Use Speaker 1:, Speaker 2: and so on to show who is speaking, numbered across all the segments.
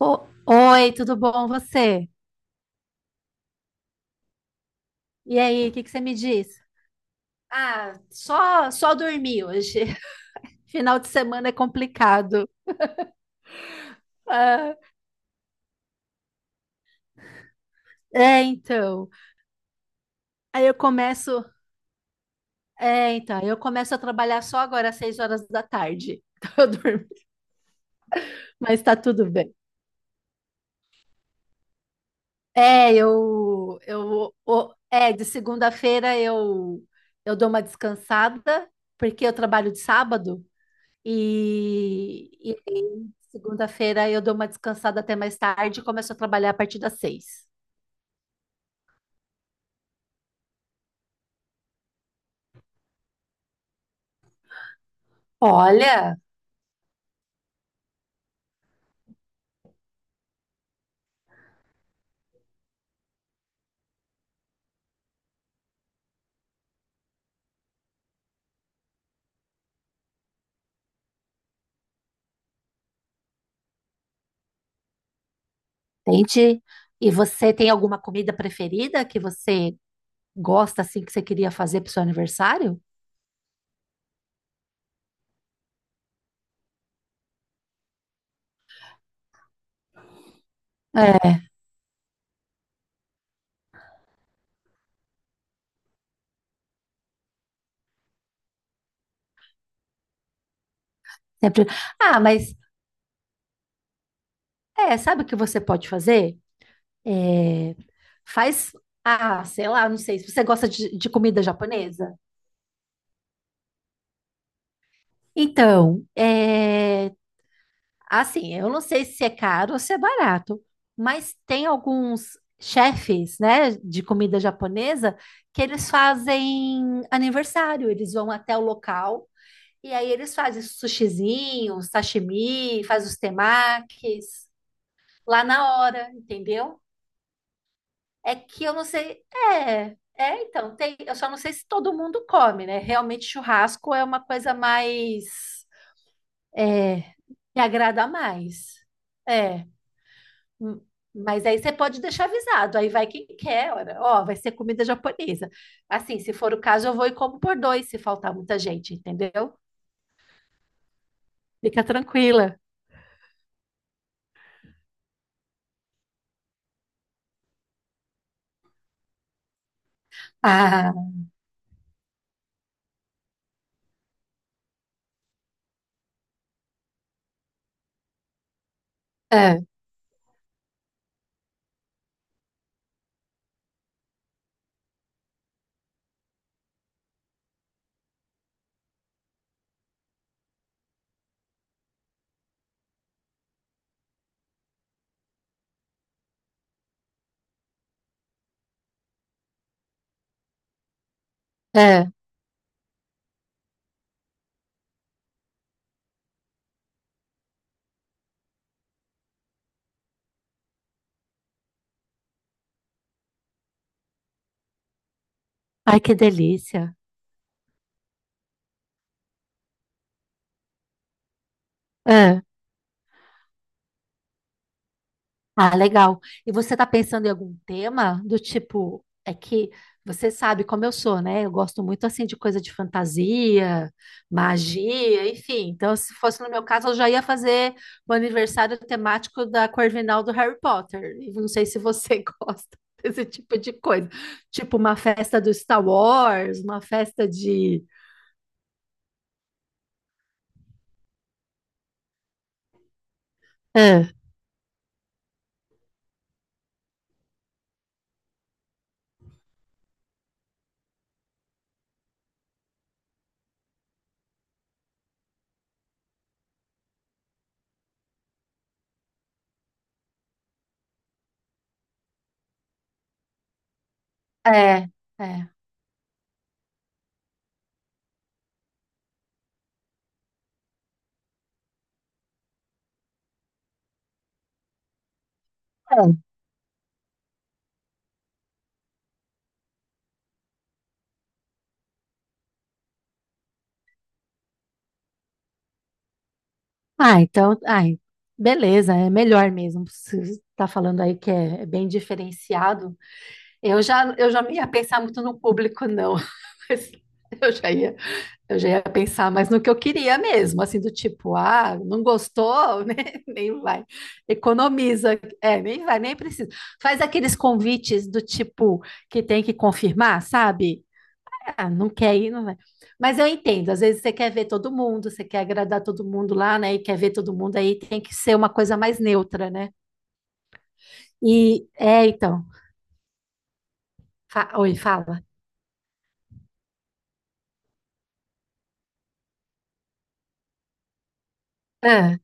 Speaker 1: Oi, tudo bom você? E aí, o que que você me diz? Ah, só dormi hoje. Final de semana é complicado. É, então. Aí eu começo, é, então, aí eu começo a trabalhar só agora às seis horas da tarde. Então eu durmo, mas tá tudo bem. É, de segunda-feira eu dou uma descansada, porque eu trabalho de sábado. E aí, segunda-feira eu dou uma descansada até mais tarde e começo a trabalhar a partir das seis. Olha. Entende? E você tem alguma comida preferida que você gosta assim que você queria fazer para o seu aniversário? É. Sempre. Ah, mas é, sabe o que você pode fazer? É, faz, sei lá, não sei, se você gosta de comida japonesa. Então, é. Assim, eu não sei se é caro ou se é barato, mas tem alguns chefes, né, de comida japonesa que eles fazem aniversário, eles vão até o local e aí eles fazem sushizinhos, sashimi, faz os temakis lá na hora, entendeu? É que eu não sei, tem, eu só não sei se todo mundo come, né? Realmente churrasco é uma coisa mais, me agrada mais. É. Hum. Mas aí você pode deixar avisado, aí vai quem quer, ora, ó, vai ser comida japonesa. Assim, se for o caso, eu vou e como por dois, se faltar muita gente, entendeu? Fica tranquila. Ah, é, é. Ai, que delícia. É. Ah, legal. E você está pensando em algum tema do tipo, é que você sabe como eu sou, né? Eu gosto muito assim de coisa de fantasia, magia, enfim. Então, se fosse no meu caso, eu já ia fazer o aniversário temático da Corvinal do Harry Potter. E não sei se você gosta desse tipo de coisa. Tipo uma festa do Star Wars, uma festa de. É, é, é. Ah, então, ai, beleza, é melhor mesmo. Você está falando aí que é, é bem diferenciado. Eu já não ia pensar muito no público, não. Mas eu já ia, eu já ia pensar mais no que eu queria mesmo, assim, do tipo, ah, não gostou, né? Nem vai. Economiza, é, nem vai, nem precisa. Faz aqueles convites do tipo que tem que confirmar, sabe? Ah, não quer ir, não vai. Mas eu entendo, às vezes você quer ver todo mundo, você quer agradar todo mundo lá, né? E quer ver todo mundo aí, tem que ser uma coisa mais neutra, né? E é, então. Oi, fala. Ah,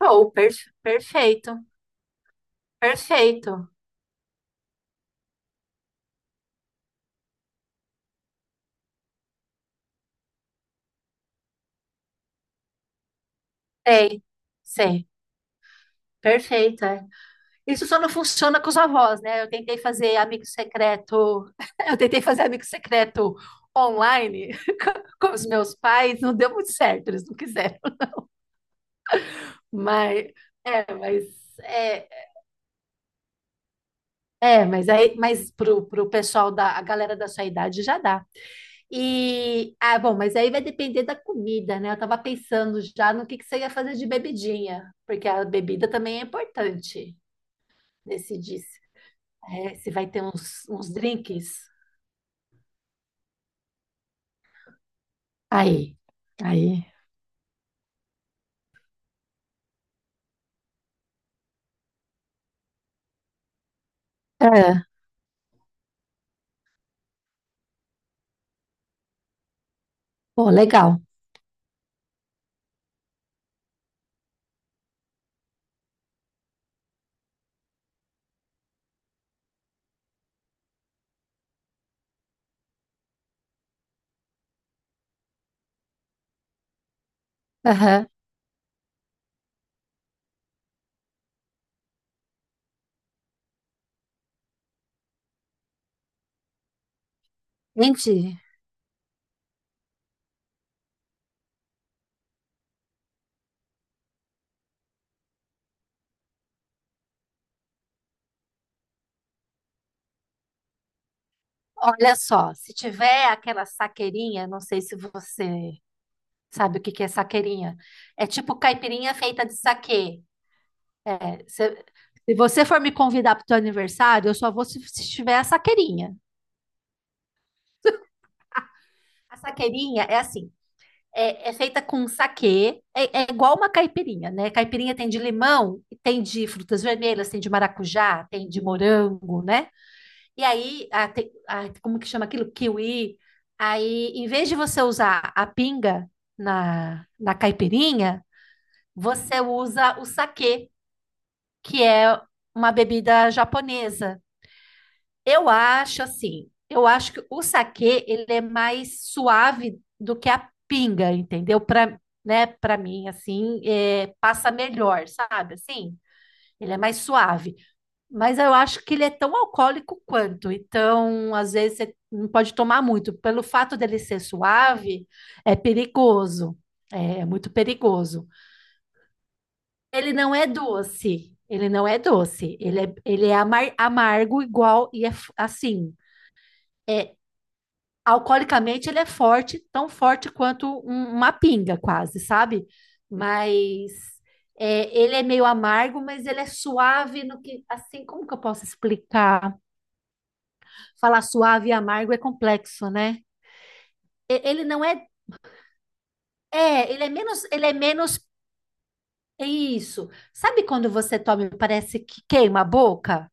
Speaker 1: oh, per- Perfeito, perfeito. Sei, sei, perfeito. É. Isso só não funciona com os avós, né? Eu tentei fazer amigo secreto, eu tentei fazer amigo secreto online com os meus pais, não deu muito certo, eles não quiseram. Mas, é, mas. É. É, mas aí, mas pro, pro pessoal da, a galera da sua idade já dá. E, ah, bom, mas aí vai depender da comida, né? Eu tava pensando já no que você ia fazer de bebidinha, porque a bebida também é importante decidir se, é, se vai ter uns, uns drinks. Aí, aí. É, pô, legal. Aham. Gente, olha só, se tiver aquela saqueirinha, não sei se você sabe o que que é saqueirinha. É tipo caipirinha feita de saquê. É, se você for me convidar para o teu aniversário, eu só vou se, se tiver a saqueirinha. A saqueirinha é assim, é, é feita com saquê, é, é igual uma caipirinha, né? Caipirinha tem de limão, tem de frutas vermelhas, tem de maracujá, tem de morango, né? E aí, a, tem- a- como que chama aquilo? Kiwi. Aí, em vez de você usar a pinga na, na caipirinha, você usa o saquê, que é uma bebida japonesa. Eu acho assim, eu acho que o saquê ele é mais suave do que a pinga, entendeu? Para, né, para mim assim, é, passa melhor, sabe? Assim, ele é mais suave, mas eu acho que ele é tão alcoólico quanto. Então, às vezes você não pode tomar muito, pelo fato dele ser suave, é perigoso. É, é muito perigoso. Ele não é doce. Ele não é doce. Ele é amargo igual e é assim. É, alcoolicamente ele é forte, tão forte quanto uma pinga, quase, sabe? Mas é, ele é meio amargo, mas ele é suave no que, assim, como que eu posso explicar? Falar suave e amargo é complexo, né? Ele não é, ele é menos, é isso. Sabe quando você toma e parece que queima a boca,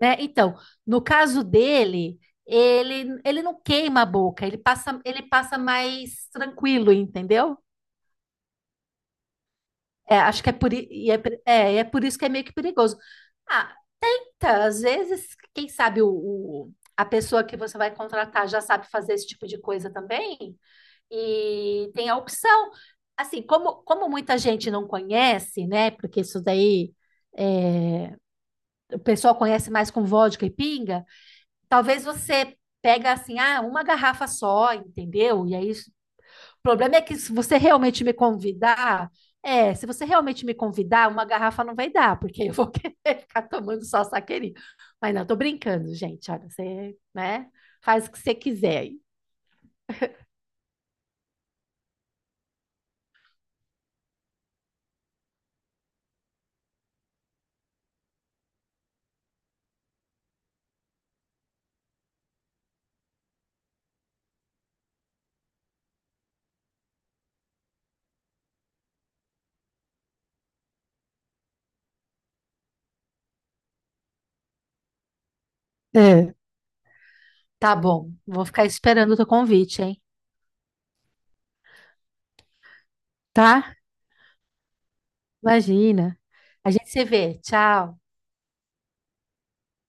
Speaker 1: né? Então, no caso dele, ele não queima a boca, ele passa mais tranquilo, entendeu? É, acho que é por, i- e é, per- é, e é por isso que é meio que perigoso. Ah, tá, às vezes, quem sabe a pessoa que você vai contratar já sabe fazer esse tipo de coisa também e tem a opção. Assim, como, como muita gente não conhece, né? Porque isso daí o pessoal conhece mais com vodka e pinga, talvez você pega assim, ah, uma garrafa só, entendeu? E aí, o problema é que se você realmente me convidar, é, se você realmente me convidar, uma garrafa não vai dar, porque eu vou querer ficar tomando só saqueirinho. Mas não, tô brincando, gente. Olha, você, né? Faz o que você quiser aí. É. Tá bom, vou ficar esperando o teu convite, hein? Tá? Imagina. A gente se vê. Tchau.